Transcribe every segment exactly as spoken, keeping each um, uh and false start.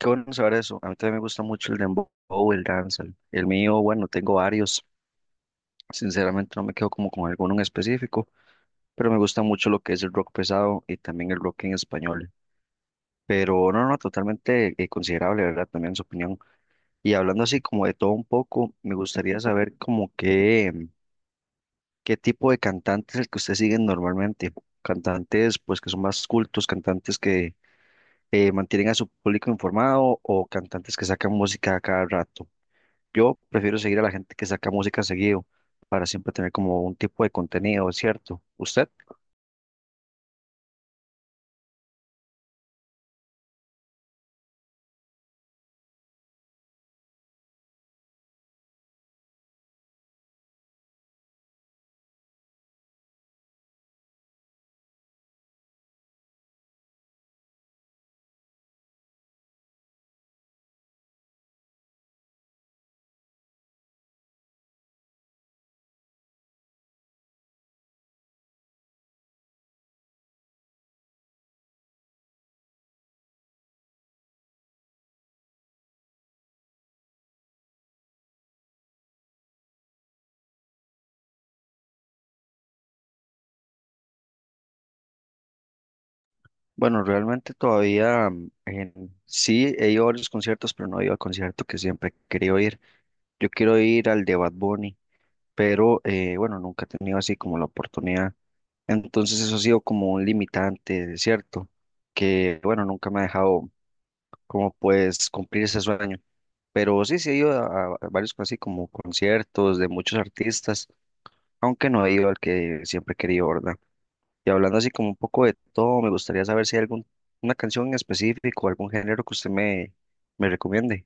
Qué bueno saber eso. A mí también me gusta mucho el dembow, el dancehall. El mío, bueno, tengo varios. Sinceramente no me quedo como con alguno en específico, pero me gusta mucho lo que es el rock pesado y también el rock en español. Pero no, no, totalmente eh, considerable, ¿verdad? También su opinión. Y hablando así como de todo un poco, me gustaría saber como qué, mm, qué tipo de cantantes es el que ustedes siguen normalmente. Cantantes pues que son más cultos, cantantes que eh, mantienen a su público informado o cantantes que sacan música a cada rato. Yo prefiero seguir a la gente que saca música seguido para siempre tener como un tipo de contenido, ¿es ¿cierto? ¿Usted? Bueno, realmente todavía mm, en- sí he ido a varios conciertos, pero no he ido al concierto que siempre he querido ir. Yo quiero ir al de Bad Bunny, pero eh, bueno, nunca he tenido así como la oportunidad. Entonces eso ha sido como un limitante, ¿es cierto? Que bueno, nunca me ha dejado como pues cumplir ese sueño. Pero sí, sí he ido a, a varios así como conciertos de muchos artistas aunque no he ido al que siempre he querido, ¿verdad? Y hablando así como un poco de todo, me gustaría saber si hay algún, una canción en específico, algún género que usted me, me recomiende.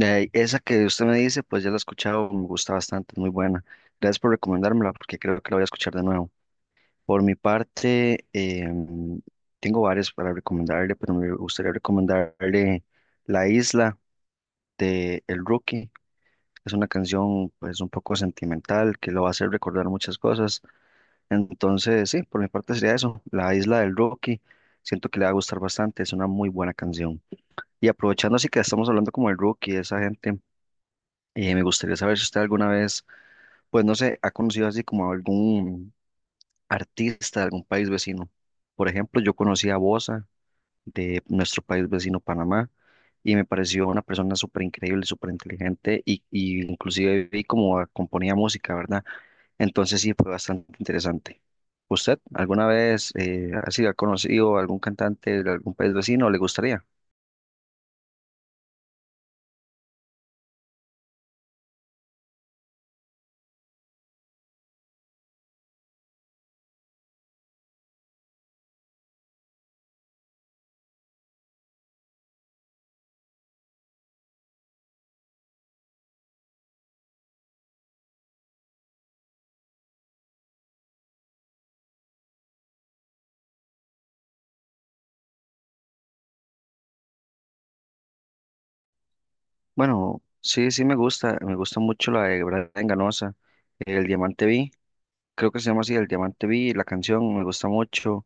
Eh, esa que usted me dice, pues ya la he escuchado, me gusta bastante, es muy buena. Gracias por recomendármela, porque creo que la voy a escuchar de nuevo. Por mi parte, em, tengo varias para recomendarle, pero me gustaría recomendarle La Isla de El Rookie. Es una canción pues un poco sentimental que lo va a hacer recordar muchas cosas. Entonces, sí, por mi parte sería eso, La Isla del Rookie. Siento que le va a gustar bastante, es una muy buena canción. Y aprovechando así que estamos hablando como el Rookie, esa gente, eh, me gustaría saber si usted alguna vez, pues no sé, ha conocido así como algún artista de algún país vecino. Por ejemplo, yo conocí a Bosa de nuestro país vecino, Panamá, y me pareció una persona súper increíble, súper inteligente, y, y inclusive vi cómo componía música, ¿verdad? Entonces sí, fue bastante interesante. ¿Usted alguna vez eh, así ha sido conocido algún cantante de algún país vecino? ¿Le gustaría? Bueno, sí, sí me gusta. Me gusta mucho la de Brad Enganosa, El Diamante Vi. Creo que se llama así, El Diamante Vi. La canción me gusta mucho.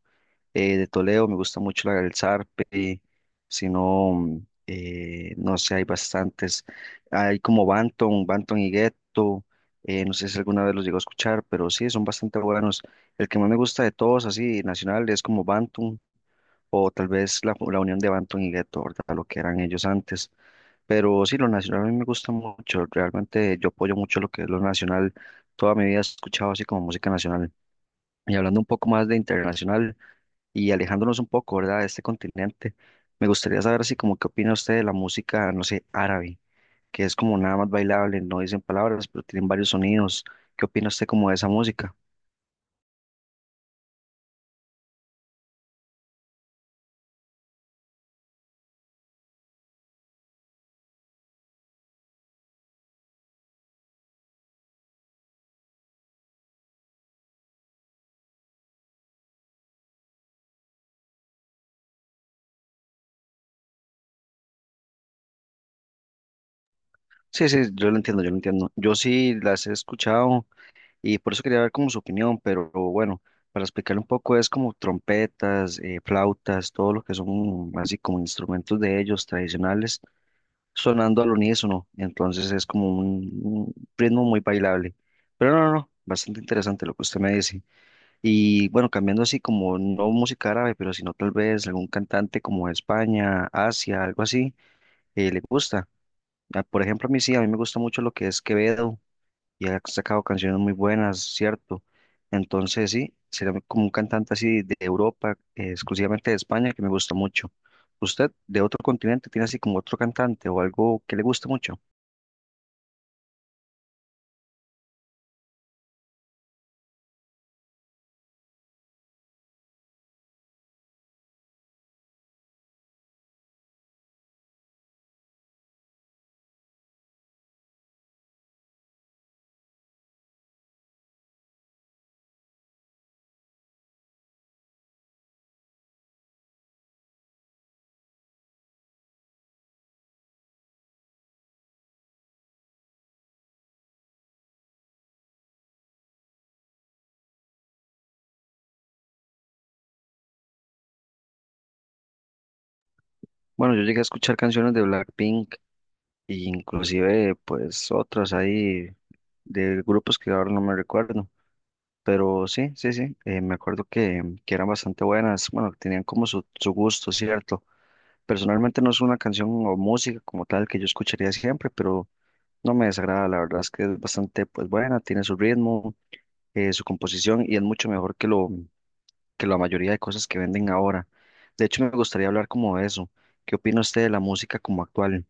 eh, De Toledo, me gusta mucho la, el Zarpe, si no, mm, eh, no sé, hay bastantes, hay como Banton Banton y Gueto, eh, no sé si alguna vez los llegó a escuchar, pero sí, son bastante buenos. El que más me gusta de todos, así, nacional, es como Banton, o tal vez la, la unión de Banton y Gueto, ¿verdad? Lo que eran ellos antes. Pero sí, lo nacional a mí me gusta mucho, realmente yo apoyo mucho lo que es lo nacional, toda mi vida he escuchado así como música nacional. Y hablando un poco más de internacional, y alejándonos un poco, ¿verdad?, de este continente. Me gustaría saber así como qué opina usted de la música, no sé, árabe, que es como nada más bailable, no dicen palabras, pero tienen varios sonidos. ¿Qué opina usted como de esa música? Sí, sí, yo lo entiendo, yo lo entiendo. Yo sí las he escuchado y por eso quería ver como su opinión, pero bueno, para explicarle un poco es como trompetas, eh, flautas, todo lo que son así como instrumentos de ellos tradicionales sonando al unísono, entonces es como un, un ritmo muy bailable. Pero no, no, no, bastante interesante lo que usted me dice. Y bueno, cambiando así como no música árabe, pero sino tal vez algún cantante como de España, Asia, algo así, eh, le gusta. Ah, por ejemplo, a mí sí, a mí me gusta mucho lo que es Quevedo y ha sacado canciones muy buenas, ¿cierto? Entonces sí, sería como un cantante así de Europa, eh, exclusivamente de España, que me gusta mucho. ¿Usted de otro continente tiene así como otro cantante o algo que le guste mucho? Bueno, yo llegué a escuchar canciones de Blackpink e inclusive pues otras ahí de grupos que ahora no me recuerdo, pero sí, sí, sí, eh, me acuerdo que, que eran bastante buenas, bueno, tenían como su, su gusto, ¿cierto? Personalmente no es una canción o música como tal que yo escucharía siempre, pero no me desagrada, la verdad es que es bastante pues buena, tiene su ritmo, eh, su composición y es mucho mejor que lo, que la mayoría de cosas que venden ahora. De hecho, me gustaría hablar como de eso. ¿Qué opina usted de la música como actual?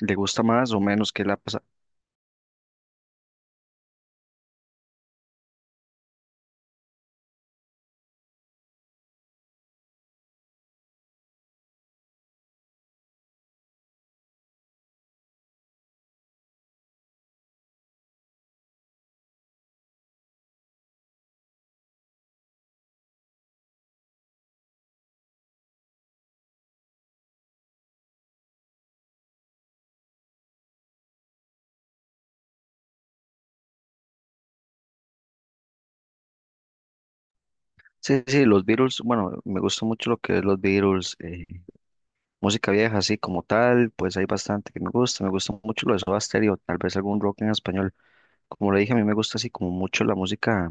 ¿Le gusta más o menos qué le ha pasado? Sí, sí, los Beatles, bueno, me gusta mucho lo que es los Beatles, eh, música vieja así como tal, pues hay bastante que me gusta, me gusta mucho lo de Soda Stereo, tal vez algún rock en español. Como le dije, a mí me gusta así como mucho la música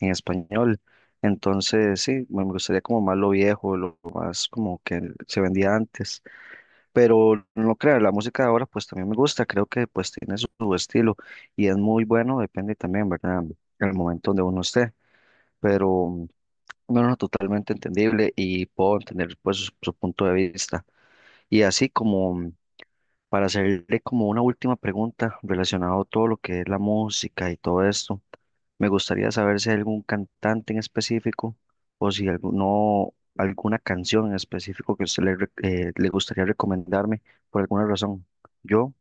en español, entonces sí, me me gustaría como más lo viejo, lo más como que se vendía antes, pero no crea, la música de ahora pues también me gusta, creo que pues tiene su, su estilo y es muy bueno, depende también, ¿verdad? El momento donde uno esté, pero... No, no, totalmente entendible y puedo entender pues su, su punto de vista. Y así como para hacerle como una última pregunta relacionado a todo lo que es la música y todo esto, me gustaría saber si hay algún cantante en específico o si alguno, alguna canción en específico que usted le, re- eh, le gustaría recomendarme por alguna razón. Yo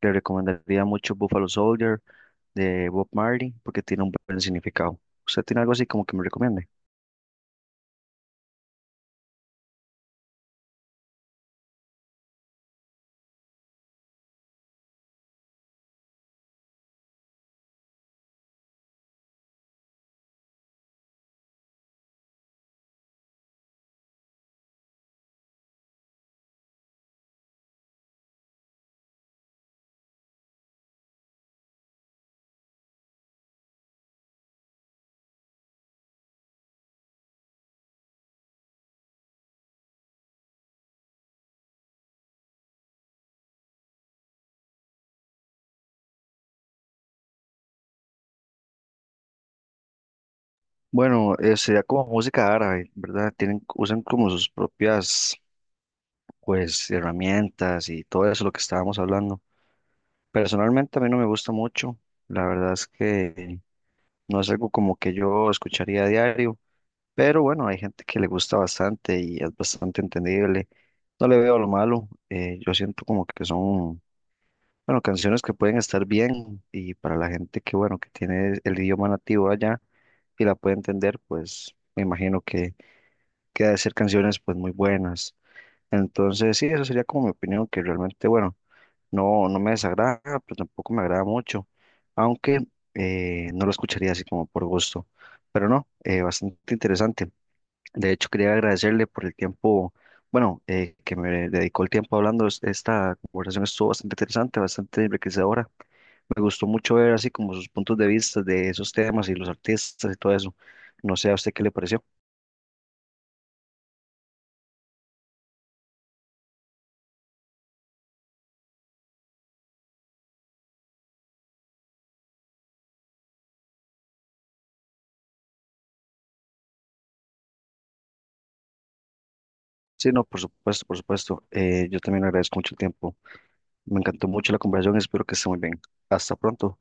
le recomendaría mucho Buffalo Soldier de Bob Marley porque tiene un buen significado. ¿Usted tiene algo así como que me recomiende? Bueno, eh, sería como música árabe, ¿verdad? Tienen, usan como sus propias, pues, herramientas y todo eso lo que estábamos hablando. Personalmente a mí no me gusta mucho, la verdad es que no es algo como que yo escucharía a diario, pero bueno, hay gente que le gusta bastante y es bastante entendible. No le veo lo malo, eh, yo siento como que son, bueno, canciones que pueden estar bien y para la gente que, bueno, que tiene el idioma nativo allá y la puede entender, pues me imagino que que hacer canciones pues muy buenas. Entonces, sí, eso sería como mi opinión, que realmente, bueno, no, no me desagrada, pero tampoco me agrada mucho, aunque eh, no lo escucharía así como por gusto. Pero no, eh, bastante interesante. De hecho, quería agradecerle por el tiempo, bueno, eh, que me dedicó el tiempo hablando. Es- Esta conversación estuvo bastante interesante, bastante enriquecedora. Me gustó mucho ver así como sus puntos de vista de esos temas y los artistas y todo eso. No sé a usted qué le pareció. Sí, no, por supuesto, por supuesto. Eh, yo también agradezco mucho el tiempo. Me encantó mucho la conversación. Espero que esté muy bien. Hasta pronto.